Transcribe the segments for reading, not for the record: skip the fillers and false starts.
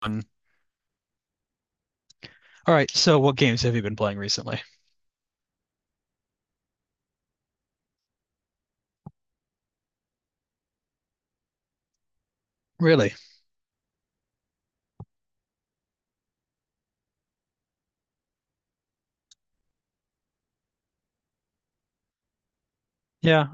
All right, so what games have you been playing recently? Really? Yeah.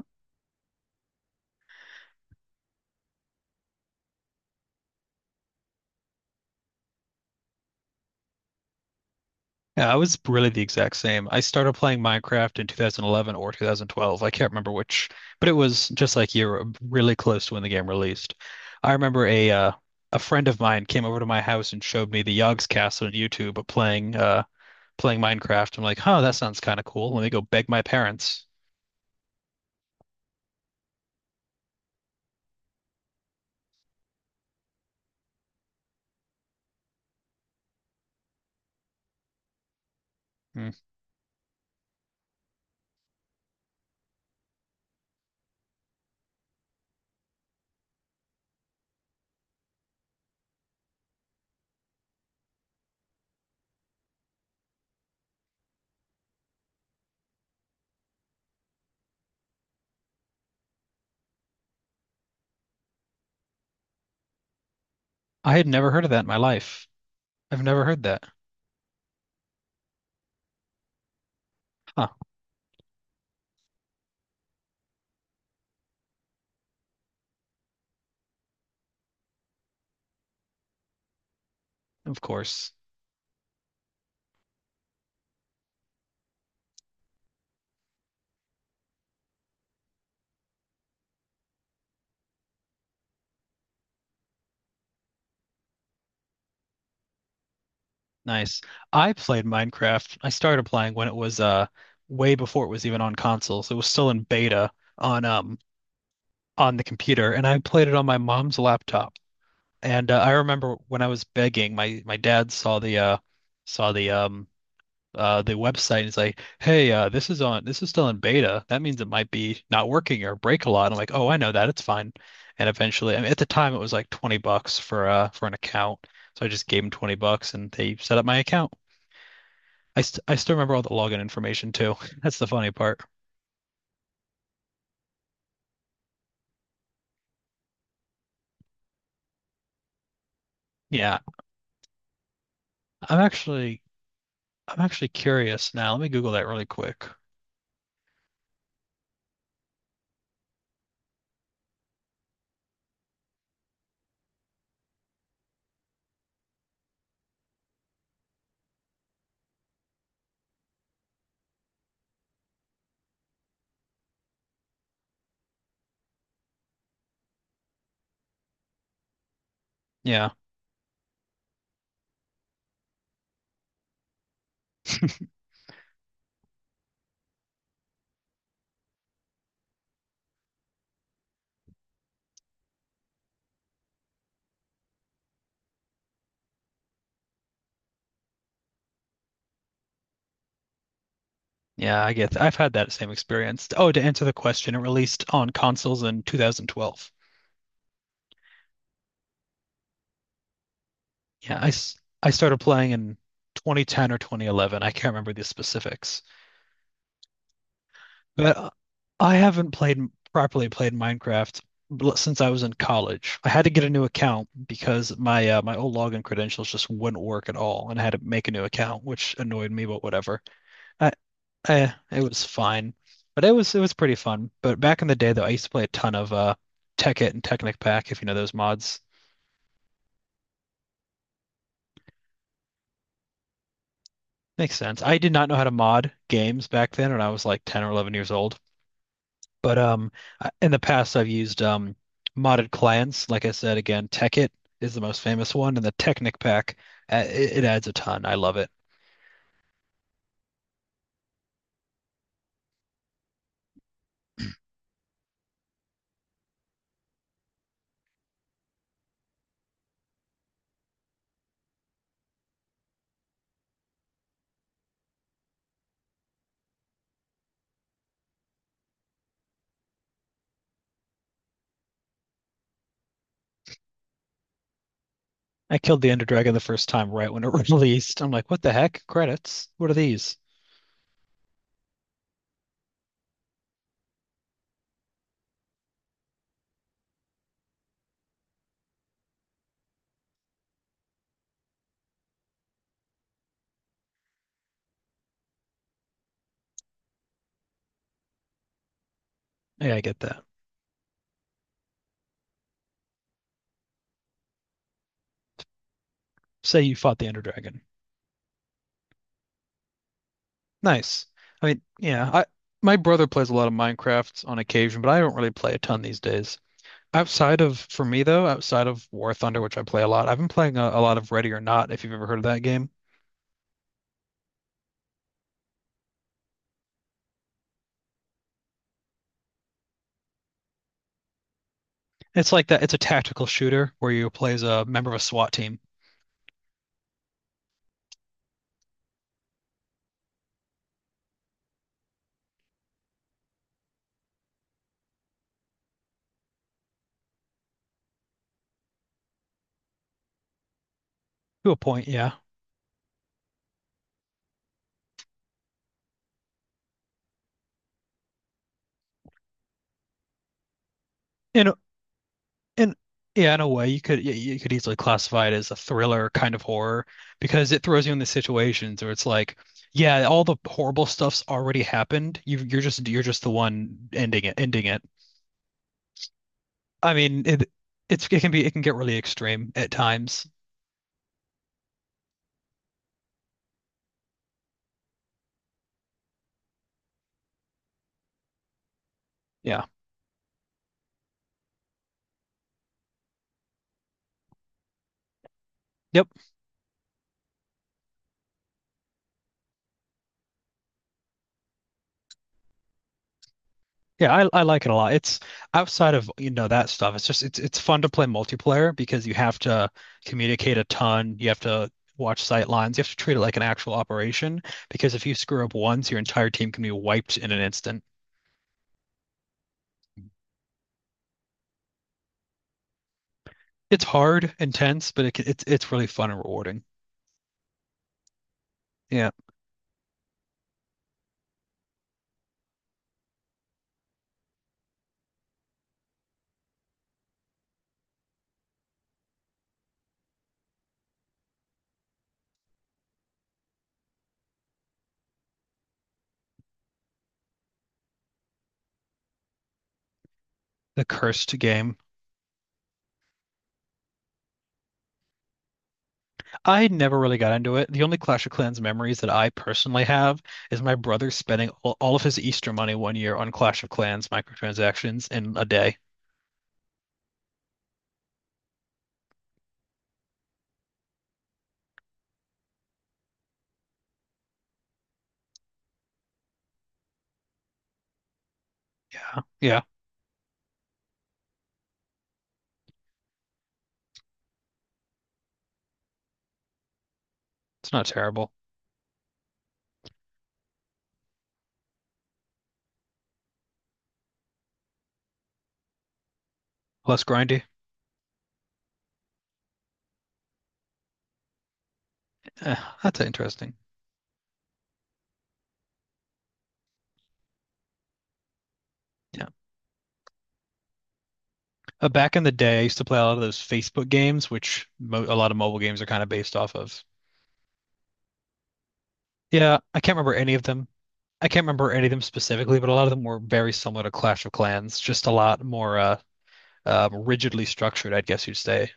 Yeah, I was really the exact same. I started playing Minecraft in 2011 or 2012. I can't remember which, but it was just like you were really close to when the game released. I remember a friend of mine came over to my house and showed me the Yogg's Castle on YouTube playing playing Minecraft. I'm like, "Huh, that sounds kind of cool. Let me go beg my parents." Hmm. I had never heard of that in my life. I've never heard that. Huh, of course. Nice. I played Minecraft. I started playing when it was way before it was even on consoles. It was still in beta on um on the computer, and I played it on my mom's laptop. And I remember when I was begging, my dad saw the website and he's like, "Hey, this is on this is still in beta. That means it might be not working or break a lot." And I'm like, "Oh, I know that. It's fine." And eventually, I mean, at the time it was like 20 bucks for an account. So I just gave him 20 bucks and they set up my account. I still remember all the login information too. That's the funny part. Yeah, I'm actually I'm actually curious now. Let me Google that really quick. Yeah, yeah, I get that. I've had that same experience. Oh, to answer the question, it released on consoles in 2012. Yeah, I started playing in 2010 or 2011. I can't remember the specifics. But I haven't played properly played Minecraft since I was in college. I had to get a new account because my old login credentials just wouldn't work at all, and I had to make a new account, which annoyed me, but whatever. I, I it was fine, but it was pretty fun. But back in the day, though, I used to play a ton of Tekkit and Technic Pack, if you know those mods. Makes sense. I did not know how to mod games back then, when I was like 10 or 11 years old. But in the past, I've used modded clients. Like I said, again, Tekkit is the most famous one, and the Technic pack, it adds a ton. I love it. I killed the Ender Dragon the first time right when it released. I'm like, what the heck? Credits? What are these? Yeah, I get that. Say you fought the Ender Dragon. Nice. I mean, yeah, I my brother plays a lot of Minecraft on occasion, but I don't really play a ton these days. Outside of, for me though, outside of War Thunder, which I play a lot, I've been playing a lot of Ready or Not, if you've ever heard of that game. It's like that. It's a tactical shooter where you play as a member of a SWAT team to a point. Yeah, in a- in yeah, in a way, you could easily classify it as a thriller kind of horror because it throws you in the situations where it's like, yeah, all the horrible stuff's already happened. You're just the one ending it. I mean, it can- be it can get really extreme at times. Yeah. Yep. Yeah, I like it a lot. It's outside of, you know, that stuff. It's just it's fun to play multiplayer because you have to communicate a ton. You have to watch sight lines. You have to treat it like an actual operation because if you screw up once, your entire team can be wiped in an instant. It's hard, intense, it's really fun and rewarding. Yeah, the cursed game. I never really got into it. The only Clash of Clans memories that I personally have is my brother spending all of his Easter money one year on Clash of Clans microtransactions in a day. Yeah. It's not terrible. Less grindy. Eh, that's interesting. Yeah. Back in the day, I used to play a lot of those Facebook games, which mo a lot of mobile games are kind of based off of. Yeah, I can't remember any of them. I can't remember any of them specifically, but a lot of them were very similar to Clash of Clans, just a lot more rigidly structured, I guess you'd say.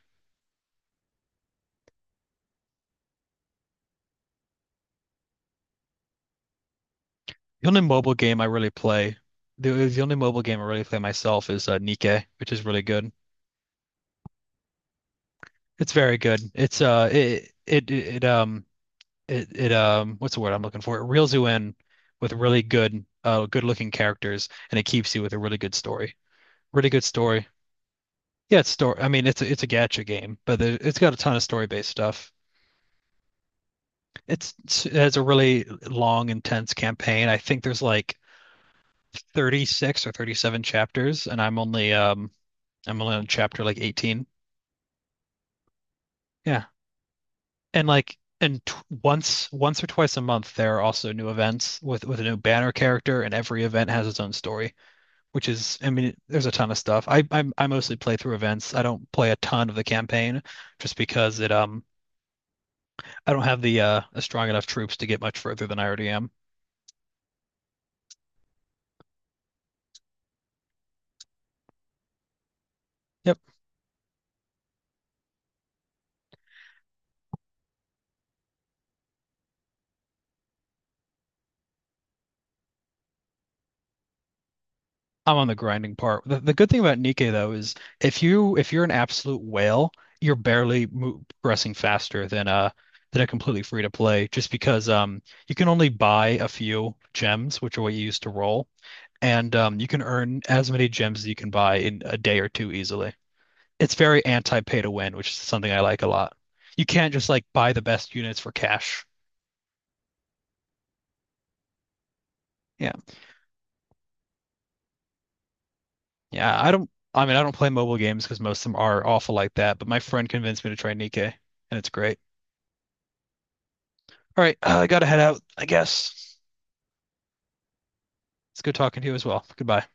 The only mobile game I really play, the only mobile game I really play myself is Nikke, which is really good. It's very good. It's it it it it it what's the word I'm looking for? It reels you in with really good good looking characters and it keeps you with a really good story. Really good story. Yeah, it's story. I mean, it's a gacha game, but there, it's got a ton of story based stuff. It's it has a really long, intense campaign. I think there's like 36 or 37 chapters, and I'm only on chapter like 18. Yeah, and like and t once once or twice a month, there are also new events with a new banner character, and every event has its own story. Which is I mean, there's a ton of stuff. I mostly play through events. I don't play a ton of the campaign just because it I don't have the strong enough troops to get much further than I already am. Yep, I'm on the grinding part. The good thing about Nikkei though is if you're an absolute whale, you're barely mo progressing faster than a completely free to play just because you can only buy a few gems, which are what you use to roll, and you can earn as many gems as you can buy in a day or two easily. It's very anti-pay to win, which is something I like a lot. You can't just like buy the best units for cash. Yeah. Yeah, I mean I don't play mobile games because most of them are awful like that, but my friend convinced me to try Nikkei and it's great. All right, I gotta head out, I guess. It's good talking to you as well. Goodbye.